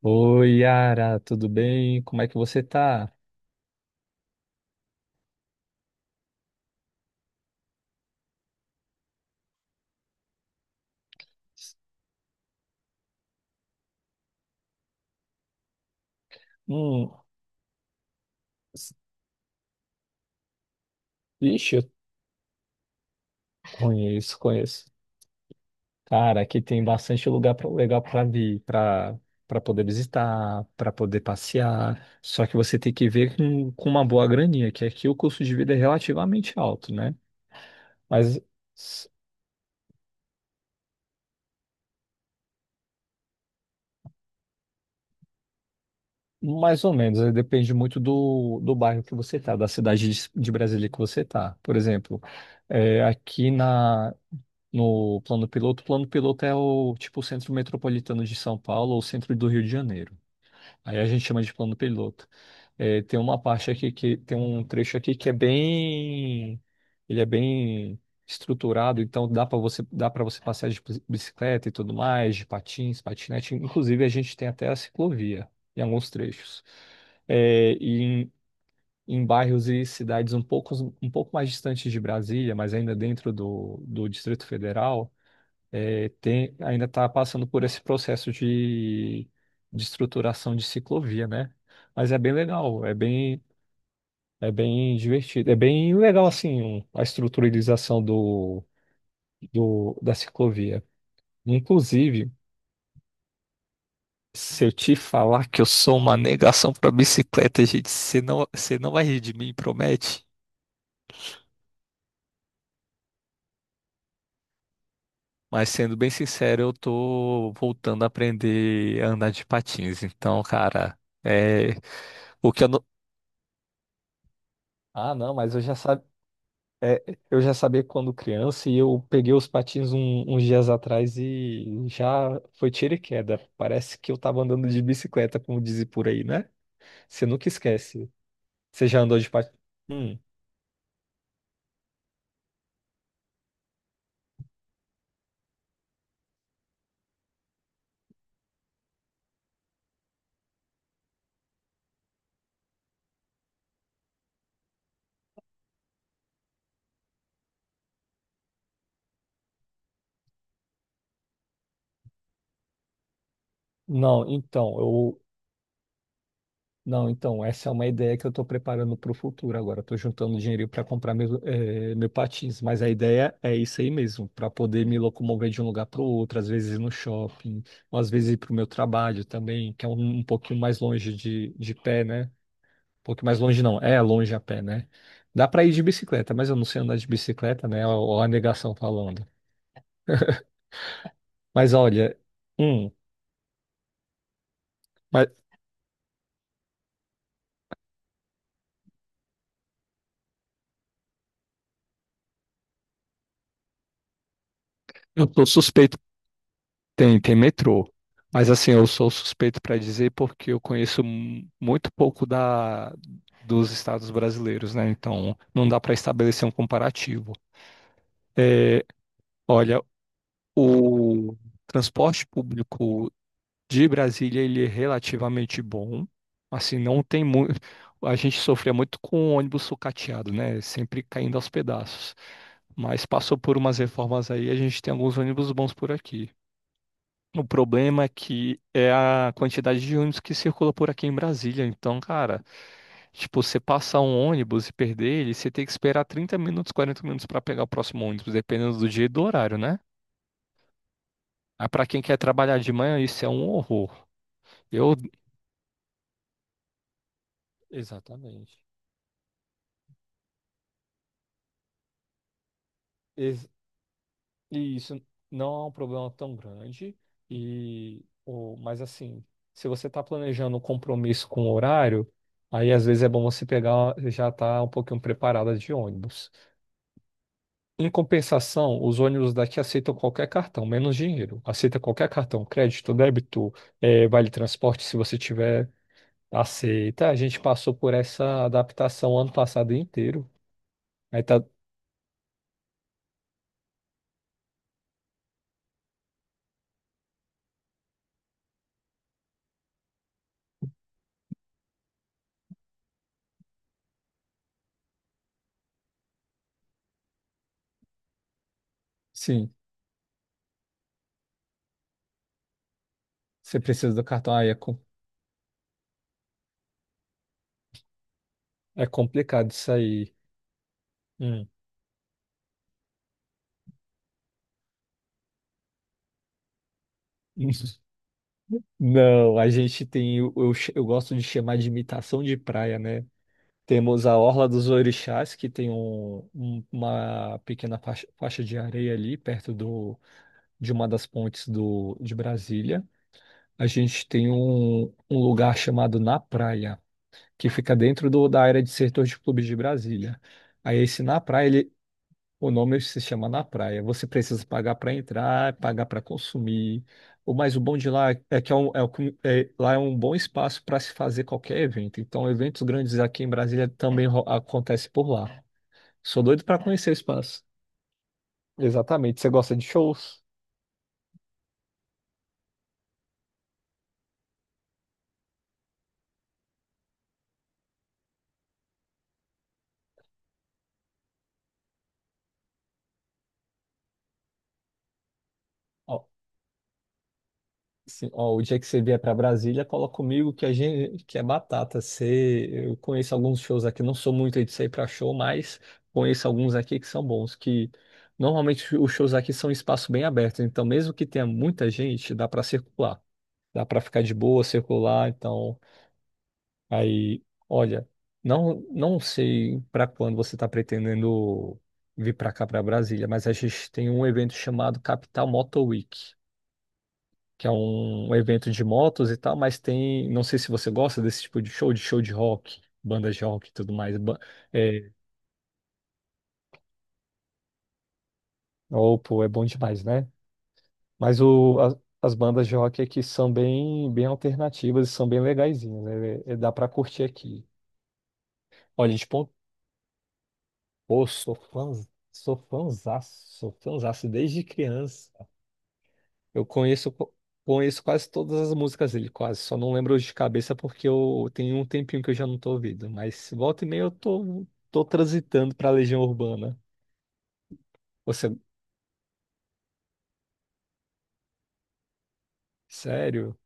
Oi, Yara, tudo bem? Como é que você tá? Hum, ixi, eu conheço, conheço. Cara, aqui tem bastante lugar legal para vir, para poder visitar, para poder passear. Só que você tem que ver com uma boa graninha, que aqui o custo de vida é relativamente alto, né? Mas s- mais ou menos, depende muito do bairro que você tá, da cidade de Brasília que você tá. Por exemplo, aqui na No plano piloto, o plano piloto é o tipo o centro metropolitano de São Paulo ou o centro do Rio de Janeiro. Aí a gente chama de plano piloto. É, tem uma parte aqui que tem um trecho aqui ele é bem estruturado, então dá para você passear de bicicleta e tudo mais, de patins, patinete. Inclusive a gente tem até a ciclovia em alguns trechos. É, e em bairros e cidades um pouco mais distantes de Brasília, mas ainda dentro do Distrito Federal ainda está passando por esse processo de estruturação de ciclovia, né? Mas é bem legal, é bem divertido, é bem legal assim a estruturalização da ciclovia. Inclusive, se eu te falar que eu sou uma negação para bicicleta, gente, você não vai rir de mim, promete? Mas sendo bem sincero, eu tô voltando a aprender a andar de patins. Então, cara, é o que eu não... Ah, não, mas eu já sabia. É, eu já sabia quando criança e eu peguei os patins uns dias atrás e já foi tiro e queda. Parece que eu tava andando de bicicleta, como dizem por aí, né? Você nunca esquece. Você já andou de patins? Hum. Não, então, eu. Não, então, essa é uma ideia que eu estou preparando para o futuro agora. Estou juntando dinheiro para comprar meu patins, mas a ideia é isso aí mesmo, para poder me locomover de um lugar para o outro, às vezes ir no shopping, ou às vezes ir para o meu trabalho também, que é um pouquinho mais longe de pé, né? Pouco mais longe não, é longe a pé, né? Dá para ir de bicicleta, mas eu não sei andar de bicicleta, né? Ó, a negação falando. Mas olha, hum, mas eu sou suspeito, tem metrô. Mas assim, eu sou suspeito para dizer porque eu conheço muito pouco da dos estados brasileiros, né? Então, não dá para estabelecer um comparativo. Olha, o transporte público de Brasília ele é relativamente bom. Assim, não tem muito. A gente sofria muito com o ônibus sucateado, né? Sempre caindo aos pedaços. Mas passou por umas reformas aí, a gente tem alguns ônibus bons por aqui. O problema é que é a quantidade de ônibus que circula por aqui em Brasília. Então, cara, tipo, você passar um ônibus e perder ele, você tem que esperar 30 minutos, 40 minutos para pegar o próximo ônibus, dependendo do dia e do horário, né? Aí, para quem quer trabalhar de manhã, isso é um horror. Eu, Exatamente. es- E isso não é um problema tão grande. Mas assim, se você está planejando um compromisso com o horário, aí às vezes é bom você pegar já tá um pouquinho preparada de ônibus. Em compensação, os ônibus daqui aceitam qualquer cartão, menos dinheiro. Aceita qualquer cartão, crédito, débito, vale transporte, se você tiver, aceita. A gente passou por essa adaptação ano passado inteiro. Aí tá, sim, você precisa do cartão, é complicado isso aí. Hum. Não, eu gosto de chamar de imitação de praia, né? Temos a Orla dos Orixás, que tem uma pequena faixa de areia ali, perto de uma das pontes de Brasília. A gente tem um lugar chamado Na Praia, que fica dentro da área de setor de clubes de Brasília. Aí esse Na Praia, ele o nome se chama Na Praia. Você precisa pagar para entrar, pagar para consumir. O bom de lá é que lá é um bom espaço para se fazer qualquer evento. Então, eventos grandes aqui em Brasília também acontece por lá. Sou doido para conhecer o espaço. Exatamente. Você gosta de shows? Sim, ó, o dia que você vier para Brasília, cola comigo que a gente que é batata. Eu conheço alguns shows aqui, não sou muito aí de sair para show, mas conheço alguns aqui que são bons, que normalmente os shows aqui são em espaço bem aberto, então mesmo que tenha muita gente, dá para circular. Dá para ficar de boa, circular, então aí, olha, não sei para quando você está pretendendo vir para cá para Brasília, mas a gente tem um evento chamado Capital Motor Week que é um evento de motos e tal, mas tem, não sei se você gosta desse tipo de show, de show de rock, bandas de rock e tudo mais. É, oh, pô, é bom demais, né? Mas as bandas de rock aqui são bem, bem alternativas e são bem legaizinhas, né? Dá pra curtir aqui. Olha, gente, pô, sou fãzaço, sou fãzaço, desde criança. Eu conheço quase todas as músicas dele, quase. Só não lembro de cabeça porque eu tenho um tempinho que eu já não tô ouvindo. Mas volta e meia eu tô transitando pra Legião Urbana. Você, sério?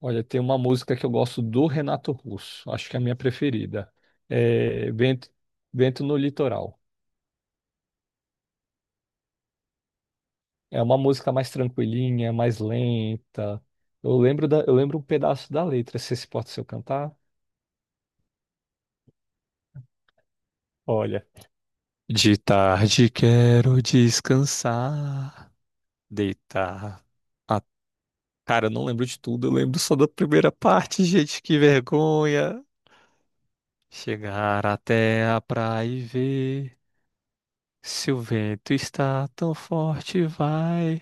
Olha, tem uma música que eu gosto do Renato Russo. Acho que é a minha preferida. É Vento no Litoral. É uma música mais tranquilinha, mais lenta. Eu lembro um pedaço da letra. Se esse pode se eu cantar? Olha. De tarde quero descansar. Deitar. Ah, cara, eu não lembro de tudo, eu lembro só da primeira parte, gente, que vergonha. Chegar até a praia e ver se o vento está tão forte, vai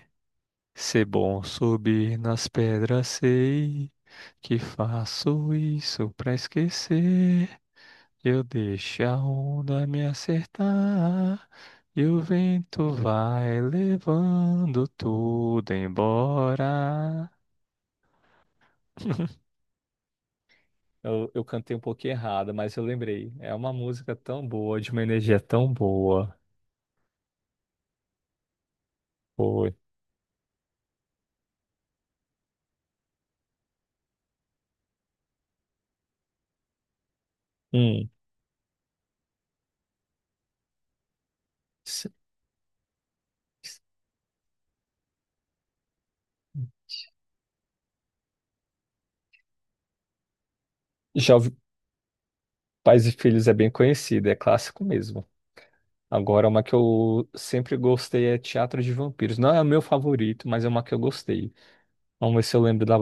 ser bom subir nas pedras, sei que faço isso pra esquecer. Eu deixo a onda me acertar e o vento vai levando tudo embora. Eu cantei um pouquinho errado, mas eu lembrei. É uma música tão boa, de uma energia tão boa. Foi. Hum. S- s- Já ouvi Pais e Filhos é bem conhecida, é clássico mesmo. Agora, uma que eu sempre gostei é Teatro de Vampiros. Não é o meu favorito, mas é uma que eu gostei. Vamos ver se eu lembro da.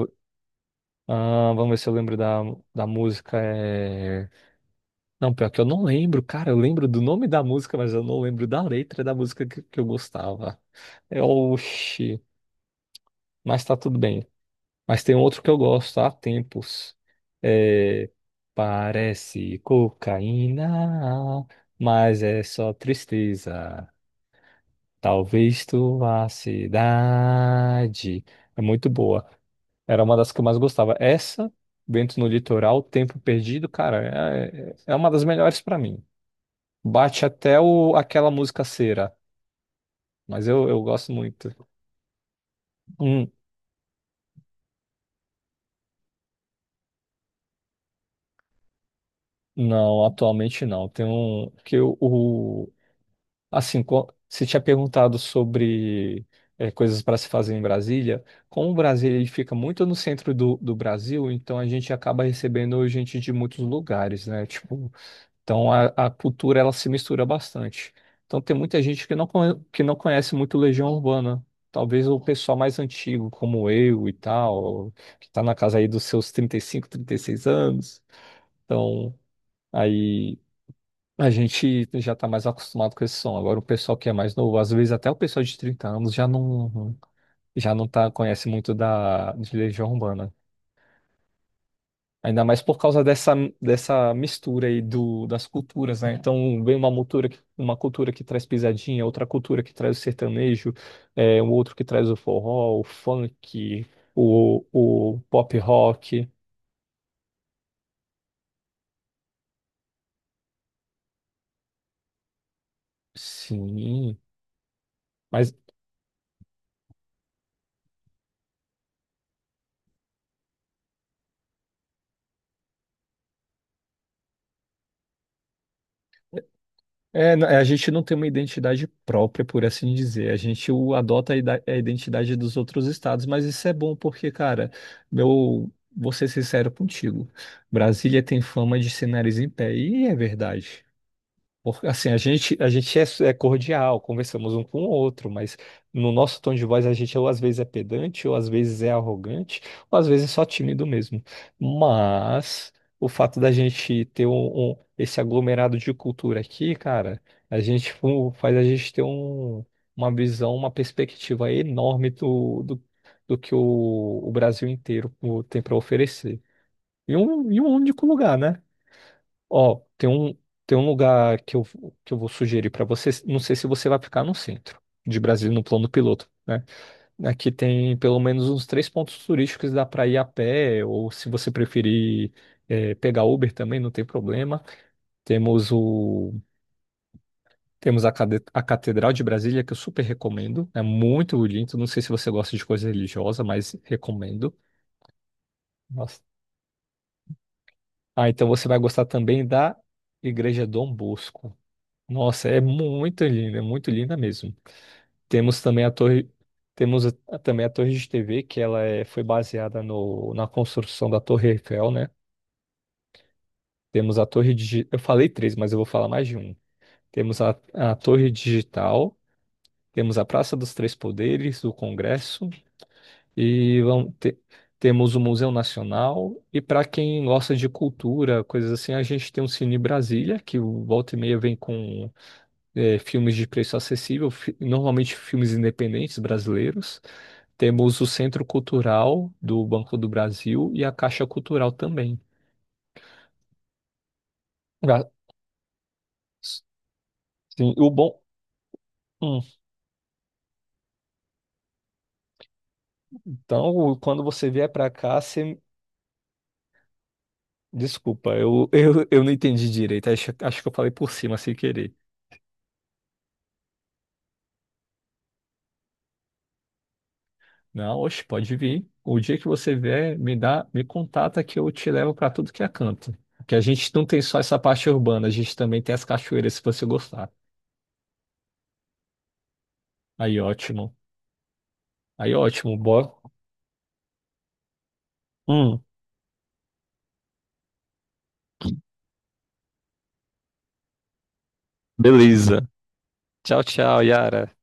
Ah, vamos ver se eu lembro da música. É... Não, pior que eu não lembro, cara. Eu lembro do nome da música, mas eu não lembro da letra da música que eu gostava. É, oxi, mas tá tudo bem. Mas tem outro que eu gosto há tempos. É, parece cocaína, mas é só tristeza. Talvez tu vá à cidade. É muito boa. Era uma das que eu mais gostava. Essa, Vento no Litoral, Tempo Perdido, cara, é uma das melhores pra mim. Bate até aquela música Cera, mas eu gosto muito. Hum, não, atualmente não. Tem um que o, Assim, você tinha perguntado sobre coisas para se fazer em Brasília. Como o Brasil ele fica muito no centro do Brasil, então a gente acaba recebendo gente de muitos lugares, né? Tipo, então a cultura ela se mistura bastante. Então tem muita gente que não conhece muito Legião Urbana. Talvez o pessoal mais antigo, como eu e tal, que está na casa aí dos seus 30, 35, 36 anos. Então, aí. A gente já está mais acostumado com esse som. Agora o pessoal que é mais novo, às vezes até o pessoal de 30 anos já não conhece muito da de Legião Urbana. Ainda mais por causa dessa mistura aí do das culturas, né? Então vem uma cultura que, traz pisadinha, outra cultura que traz o sertanejo, um outro que traz o forró, o funk, o pop rock. Sim. Mas é, a gente não tem uma identidade própria, por assim dizer. A gente adota a identidade dos outros estados, mas isso é bom porque, cara, meu, vou ser sincero contigo. Brasília tem fama de ser nariz em pé, e é verdade. Porque, assim, a gente é cordial, conversamos um com o outro, mas no nosso tom de voz a gente ou às vezes é pedante, ou às vezes é arrogante, ou às vezes é só tímido mesmo. Mas o fato da gente ter esse aglomerado de cultura aqui, cara, a gente faz a gente ter uma visão, uma perspectiva enorme do que o Brasil inteiro tem para oferecer. E um único lugar, né? Ó, tem um lugar que eu vou sugerir para você. Não sei se você vai ficar no centro de Brasília, no plano piloto, né? Aqui tem pelo menos uns três pontos turísticos, dá para ir a pé, ou se você preferir pegar Uber também, não tem problema. Temos o, temos a Catedral de Brasília, que eu super recomendo. É muito bonito. Não sei se você gosta de coisa religiosa, mas recomendo. Nossa. Ah, então você vai gostar também da Igreja Dom Bosco. Nossa, é muito linda mesmo. Temos também a torre, temos também a torre de TV, que ela foi baseada no, na construção da Torre Eiffel, né? Temos a torre digital, eu falei três, mas eu vou falar mais de um. Temos a torre digital, temos a Praça dos Três Poderes, o Congresso, e temos o Museu Nacional. E para quem gosta de cultura, coisas assim, a gente tem o Cine Brasília, que o volta e meia vem com filmes de preço acessível, normalmente filmes independentes brasileiros. Temos o Centro Cultural do Banco do Brasil e a Caixa Cultural também. Ah, sim, o bom. Hum, Então, quando você vier para cá, você. Desculpa, eu, eu não entendi direito. Acho que eu falei por cima sem querer. Não, oxe, pode vir. O dia que você vier, me contata que eu te levo para tudo que é canto. Que a gente não tem só essa parte urbana, a gente também tem as cachoeiras, se você gostar. Aí, ótimo. Aí ótimo, bora. Hum, beleza. Tchau, tchau, Yara.